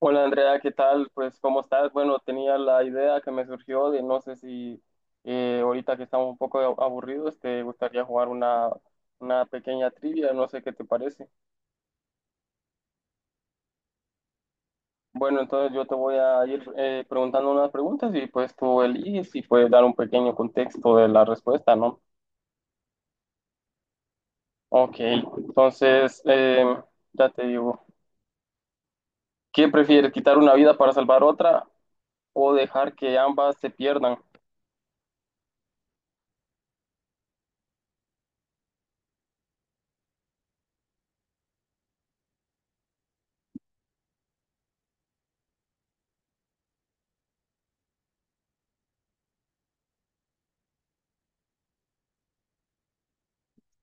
Hola Andrea, ¿qué tal? Pues ¿cómo estás? Bueno, tenía la idea que me surgió de no sé si ahorita que estamos un poco aburridos te gustaría jugar una pequeña trivia, no sé qué te parece. Bueno, entonces yo te voy a ir preguntando unas preguntas y pues tú eliges y puedes dar un pequeño contexto de la respuesta, ¿no? Ok, entonces ya te digo, ¿qué prefieres, quitar una vida para salvar otra o dejar que ambas se pierdan?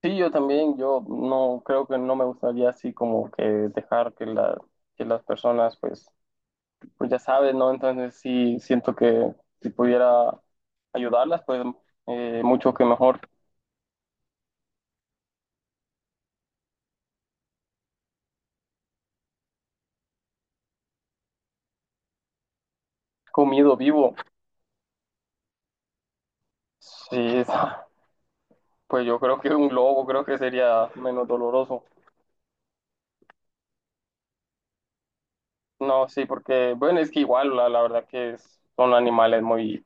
Sí, yo también, yo no creo que no me gustaría así como que dejar que las personas, pues, pues ya saben, ¿no? Entonces sí siento que si pudiera ayudarlas, pues mucho que mejor comido vivo. Sí, pues yo creo que un globo creo que sería menos doloroso. No, sí, porque, bueno, es que igual, la verdad que son animales muy,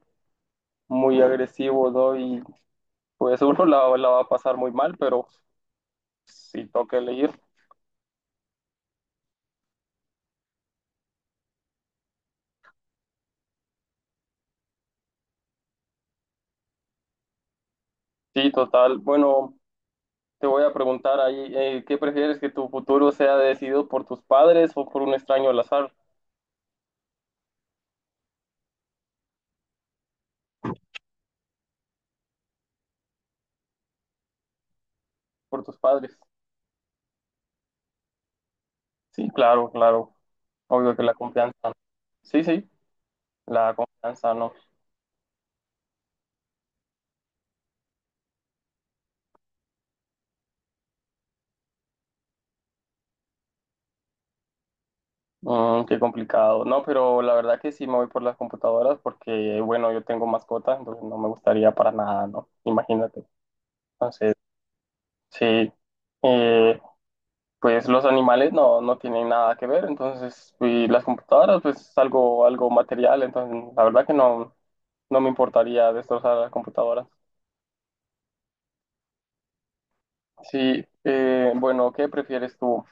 muy agresivos, ¿no? Y pues uno la va a pasar muy mal, pero si toca elegir. Sí, total. Bueno. Te voy a preguntar ahí, ¿qué prefieres que tu futuro sea decidido por tus padres o por un extraño al azar? Por tus padres. Sí, claro, claro. Obvio que la confianza, ¿no? Sí, sí, la confianza, ¿no? Mm, qué complicado. No, pero la verdad que sí me voy por las computadoras porque, bueno, yo tengo mascotas, entonces no me gustaría para nada, ¿no? Imagínate. Entonces, sí. Eh, pues los animales no tienen nada que ver, entonces, y las computadoras, pues es algo, algo material, entonces la verdad que no, no me importaría destrozar la computadora. Sí, bueno, ¿qué prefieres tú?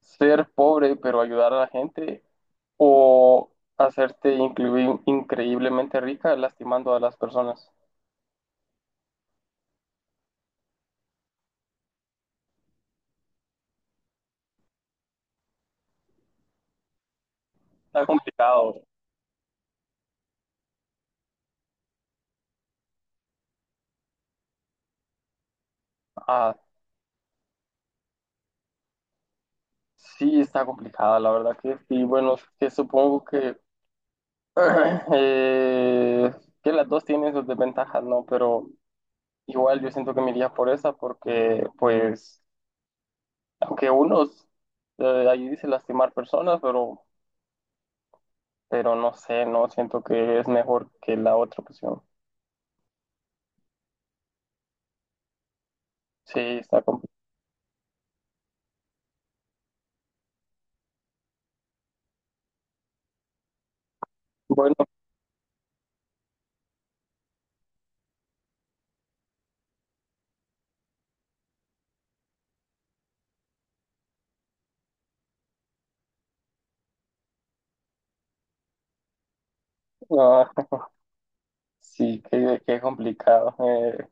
¿Ser pobre pero ayudar a la gente o hacerte increíblemente rica lastimando a las personas? Está complicado. Ah, sí, está complicada, la verdad que sí. Bueno, que supongo que Eh, que las dos tienen sus desventajas, ¿no? Pero igual yo siento que me iría por esa porque, pues, aunque unos, ahí dice lastimar personas, pero no sé, no siento que es mejor que la otra opción. Sí, está complicado. Bueno, ah, sí, qué, qué complicado. Eh,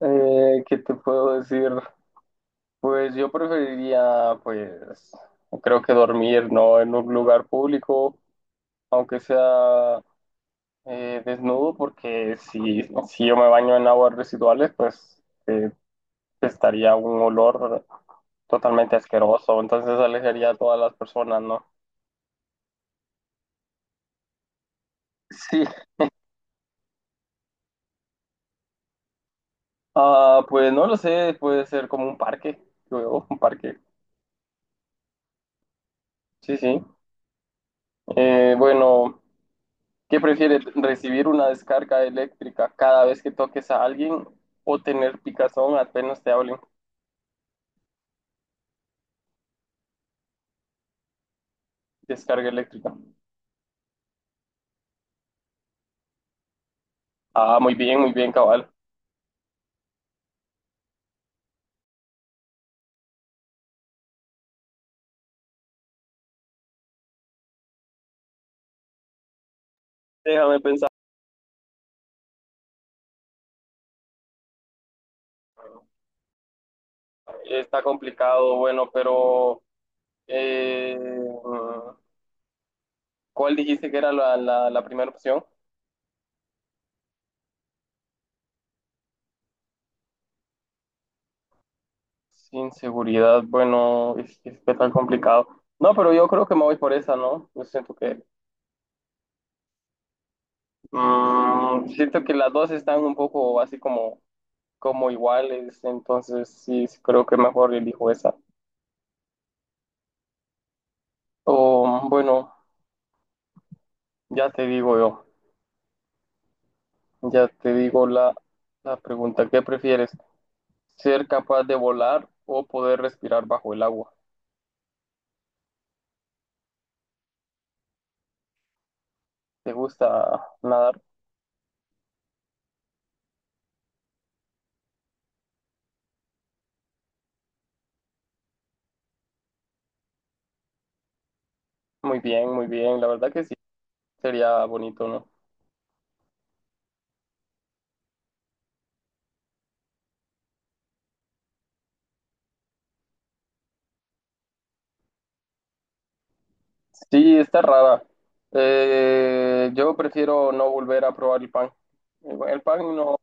eh, ¿Qué te puedo decir? Pues yo preferiría, pues, creo que dormir, ¿no? En un lugar público, aunque sea desnudo porque si yo me baño en aguas residuales, pues estaría un olor totalmente asqueroso, entonces alejaría a todas las personas, ¿no? Sí, ah, pues no lo sé, puede ser como un parque, luego un parque. Sí, sí. Bueno, ¿qué prefieres? ¿Recibir una descarga eléctrica cada vez que toques a alguien o tener picazón apenas te hablen? Descarga eléctrica. Ah, muy bien, cabal. Déjame pensar. Está complicado, bueno, pero eh, ¿cuál dijiste que era la primera opción? Sin seguridad, bueno, es que tan complicado. No, pero yo creo que me voy por esa, ¿no? Yo siento que siento que las dos están un poco así como, como iguales, entonces sí, sí creo que mejor elijo esa. O bueno, ya te digo yo. Ya te digo la pregunta, ¿qué prefieres? ¿Ser capaz de volar o poder respirar bajo el agua? ¿Te gusta nadar? Muy bien, la verdad que sí, sería bonito, ¿no? Sí, está rara. Yo prefiero no volver a probar el pan. El pan no.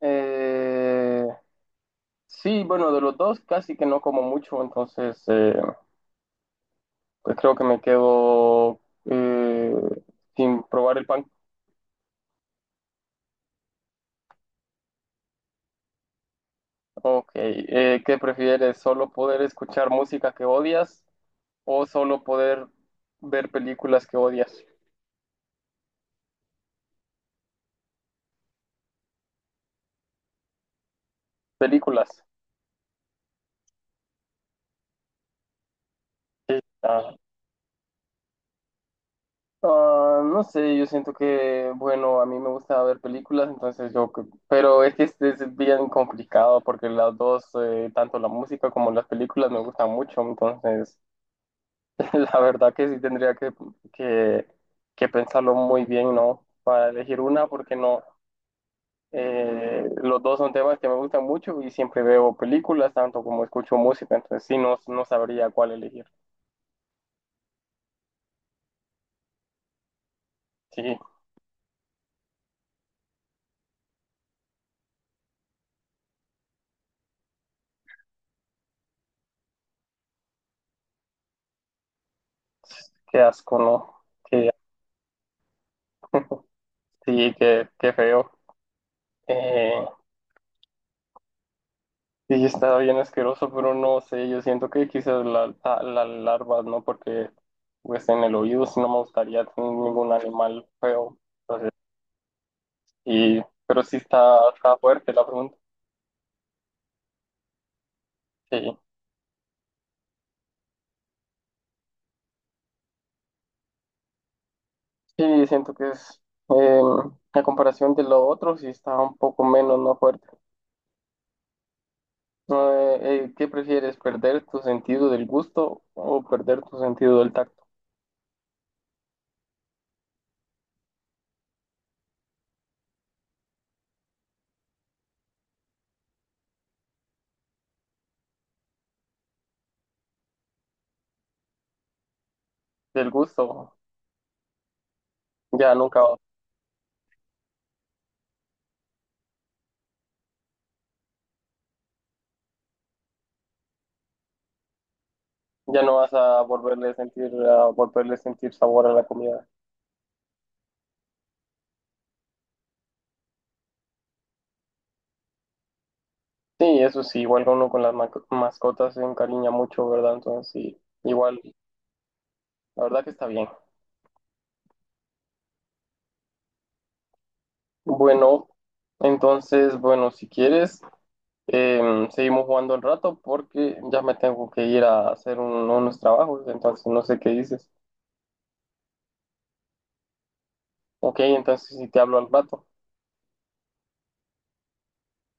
Eh, sí, bueno, de los dos casi que no como mucho, entonces pues creo que me quedo eh, sin probar el pan. Ok, ¿qué prefieres? ¿Solo poder escuchar música que odias o solo poder ver películas que odias? Películas. Sí. Ah, ah, no sé, yo siento que, bueno, a mí me gusta ver películas, entonces yo, pero es que es bien complicado porque las dos, tanto la música como las películas me gustan mucho, entonces la verdad que sí tendría que, que pensarlo muy bien, ¿no? Para elegir una, porque no. Los dos son temas que me gustan mucho y siempre veo películas, tanto como escucho música, entonces sí, no, no sabría cuál elegir. Sí, qué asco, ¿no? Qué, sí, qué, qué feo. Eh, sí, está bien asqueroso, pero no sé, yo siento que quizás la larva, ¿no? Porque pues en el oído sí no me gustaría tener ningún animal feo. Entonces, y, pero sí está, está fuerte la pregunta. Sí. Sí, siento que es eh, a comparación de lo otro, sí está un poco menos no fuerte. No, ¿qué prefieres, perder tu sentido del gusto o perder tu sentido del tacto? Del gusto, ya nunca, ya no vas a volverle a sentir, a volverle a sentir sabor a la comida. Sí, eso sí, igual uno con las mascotas se encariña mucho, ¿verdad? Entonces sí, igual, la verdad que está bien. Bueno, entonces, bueno, si quieres. Seguimos jugando un rato porque ya me tengo que ir a hacer unos trabajos, entonces no sé qué dices. Ok, entonces si te hablo al rato.